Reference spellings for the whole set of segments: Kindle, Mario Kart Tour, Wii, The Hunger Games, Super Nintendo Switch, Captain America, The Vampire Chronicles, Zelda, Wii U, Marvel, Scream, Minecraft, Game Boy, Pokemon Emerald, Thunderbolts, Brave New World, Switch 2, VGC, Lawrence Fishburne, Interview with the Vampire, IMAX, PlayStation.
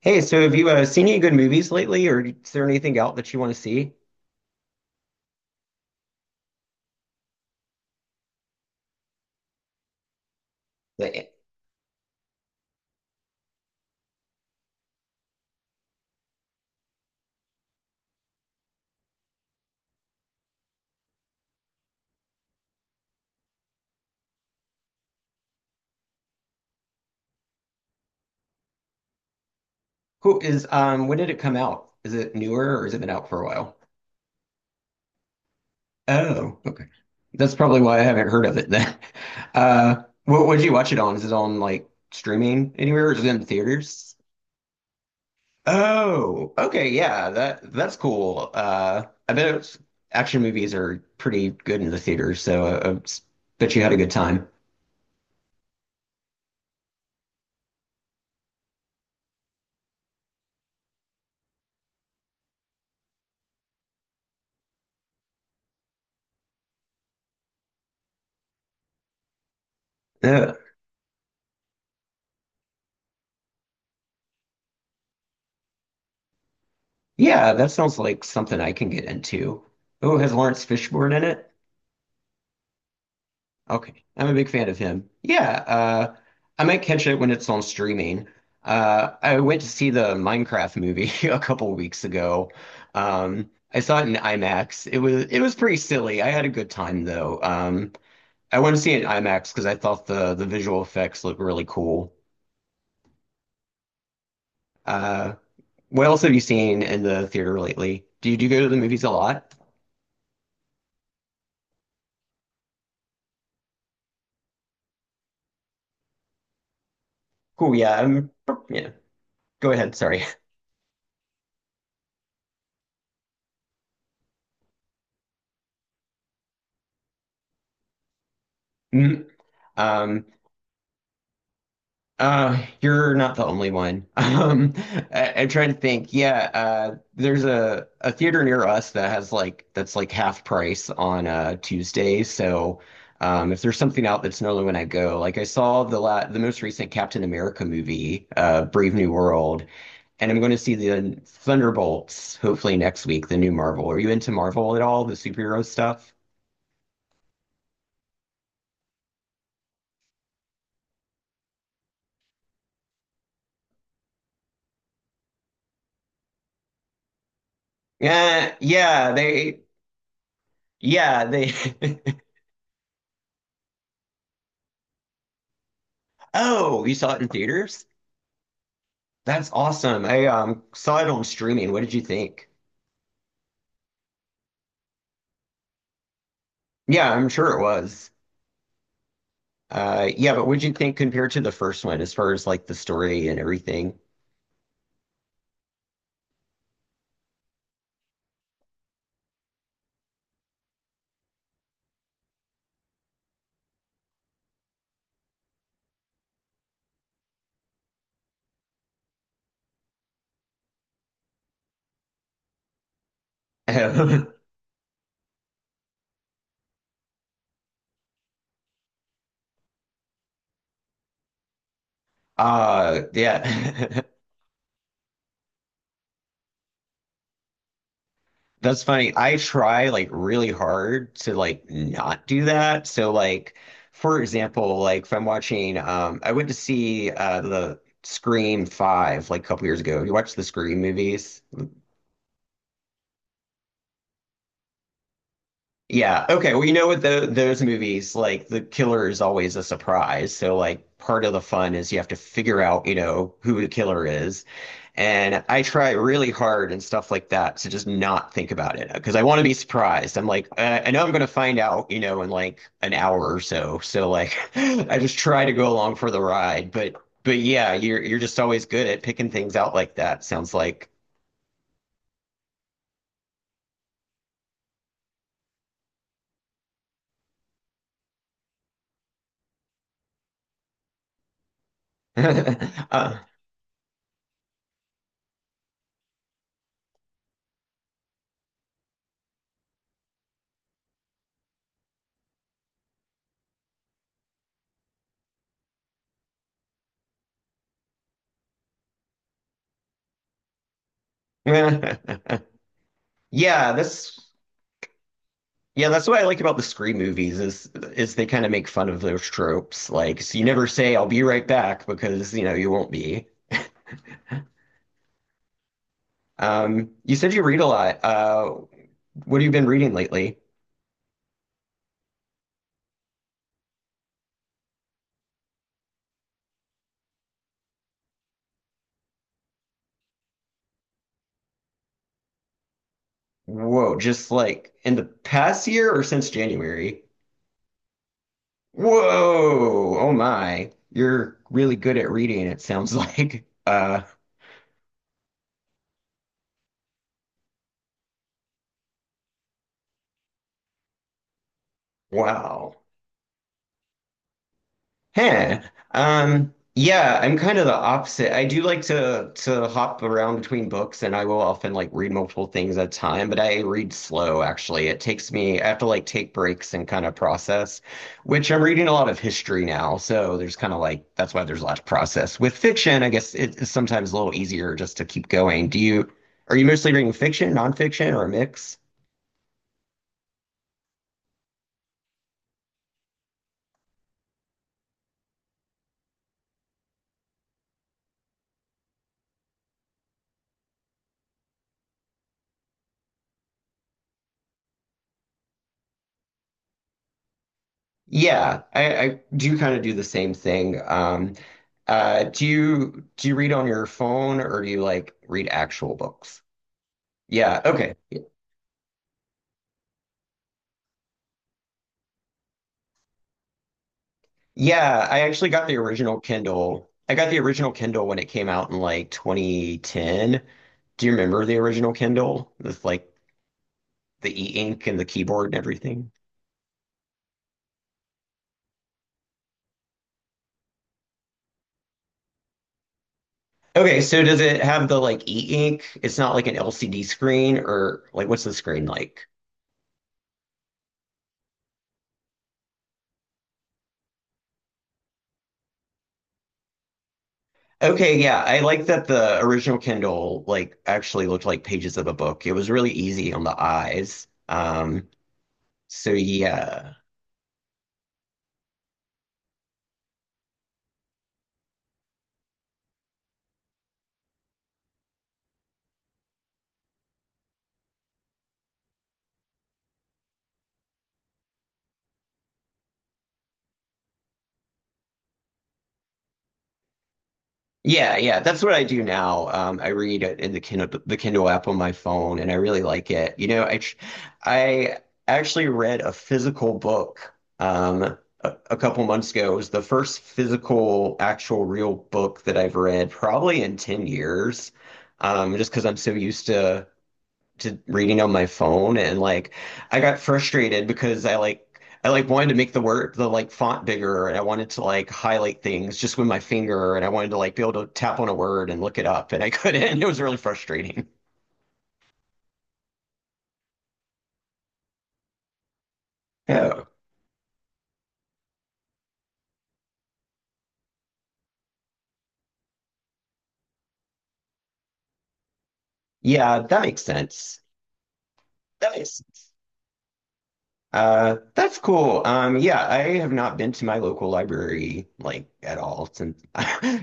Hey, so have you seen any good movies lately, or is there anything out that you want to see? That, who is when did it come out? Is it newer or has it been out for a while? Oh, okay. That's probably why I haven't heard of it then. What would you watch it on? Is it on like streaming anywhere or is it in theaters? Oh, okay, yeah, that's cool. I bet it's, action movies are pretty good in the theaters, so I bet you had a good time. Yeah, that sounds like something I can get into. Oh, has Lawrence Fishburne in it? Okay, I'm a big fan of him. Yeah, I might catch it when it's on streaming. I went to see the Minecraft movie a couple weeks ago. I saw it in IMAX. It was pretty silly. I had a good time though. I want to see it in IMAX because I thought the visual effects look really cool. Uh, what else have you seen in the theater lately? Do you go to the movies a lot? Cool, yeah, yeah. Go ahead. Sorry. Mm, Um, you're not the only one. I'm trying to think. Yeah, there's a theater near us that has like that's like half price on Tuesdays. So, if there's something out that's normally when I go, like I saw the most recent Captain America movie, Brave New World, and I'm going to see the Thunderbolts hopefully next week, the new Marvel. Are you into Marvel at all, the superhero stuff? Yeah, yeah, they, yeah, they. Oh, you saw it in theaters? That's awesome. I saw it on streaming. What did you think? Yeah, I'm sure it was. Yeah, but what did you think compared to the first one as far as like the story and everything? Uh yeah. That's funny. I try like really hard to like not do that. So like for example, like if I'm watching I went to see the Scream 5 like a couple years ago. You watch the Scream movies? Yeah. Okay. Well, with those movies, like the killer is always a surprise. So, like, part of the fun is you have to figure out, you know, who the killer is. And I try really hard and stuff like that to just not think about it because I want to be surprised. I'm like, I know I'm going to find out, you know, in like an hour or so. So, like, I just try to go along for the ride. But yeah, you're just always good at picking things out like that. Sounds like. Uh, Yeah, that's Yeah, that's what I like about the Scream movies is they kind of make fun of those tropes. Like, so you never say "I'll be right back" because you know you won't be. You said you read a lot. What have you been reading lately? Whoa, just like in the past year or since January? Whoa, oh my, you're really good at reading, it sounds like. Wow. Huh. Yeah, I'm kind of the opposite. I do like to hop around between books and I will often like read multiple things at a time, but I read slow actually. It takes me, I have to like take breaks and kind of process, which I'm reading a lot of history now, so there's kind of like that's why there's a lot of process. With fiction, I guess it is sometimes a little easier just to keep going. Do you Are you mostly reading fiction, nonfiction, or a mix? Yeah, I do kind of do the same thing. Do you read on your phone or do you like read actual books? Yeah, okay. Yeah, I actually got the original Kindle. I got the original Kindle when it came out in like 2010. Do you remember the original Kindle with like the e-ink and the keyboard and everything? Okay, so does it have the like e-ink? It's not like an LCD screen or like what's the screen like? Okay, yeah, I like that the original Kindle like actually looked like pages of a book. It was really easy on the eyes. So yeah. Yeah, yeah, that's what I do now. I read it in the Kindle app on my phone and I really like it. I actually read a physical book a couple months ago. It was the first physical actual real book that I've read probably in 10 years. Just because I'm so used to reading on my phone and like I got frustrated because I like wanted to make the word the like font bigger and I wanted to like highlight things just with my finger and I wanted to like be able to tap on a word and look it up and I couldn't. It was really frustrating. Oh, yeah, that makes sense. That makes sense. That's cool. Yeah, I have not been to my local library like at all since,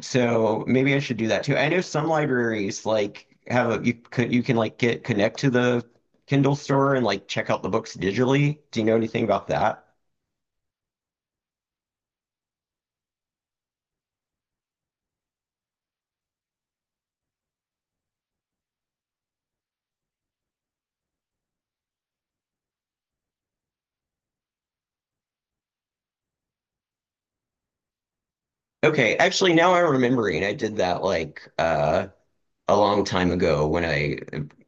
so maybe I should do that too. I know some libraries like have a you could you can like get connect to the Kindle store and like check out the books digitally. Do you know anything about that? Okay, actually now I'm remembering I did that like a long time ago when I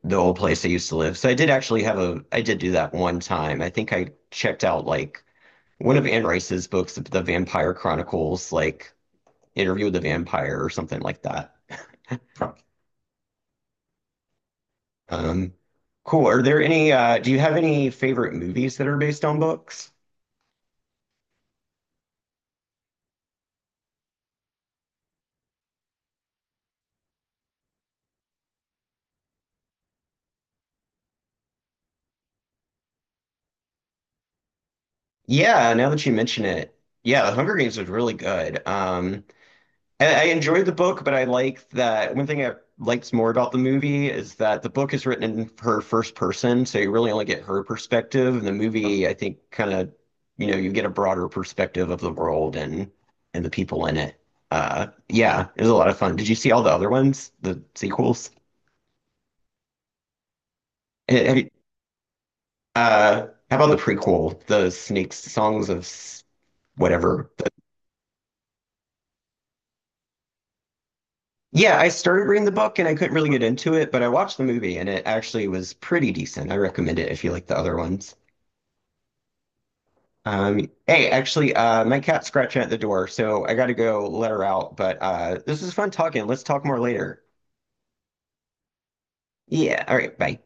the old place I used to live. So I did actually have a I did do that one time. I think I checked out like one of Anne Rice's books, The Vampire Chronicles, like Interview with the Vampire or something like that. Um, cool. Are there any, do you have any favorite movies that are based on books? Yeah, now that you mention it, yeah, The Hunger Games was really good. And I enjoyed the book, but I like that one thing I liked more about the movie is that the book is written in her first person, so you really only get her perspective. And the movie, I think, kind of, you know, you get a broader perspective of the world and the people in it. Yeah, it was a lot of fun. Did you see all the other ones, the sequels? Eh, have you- how about the prequel, the Snakes Songs of S- whatever? Yeah, I started reading the book and I couldn't really get into it, but I watched the movie and it actually was pretty decent. I recommend it if you like the other ones. Hey, actually, my cat's scratching at the door, so I gotta go let her out. But this is fun talking. Let's talk more later. Yeah, all right, bye.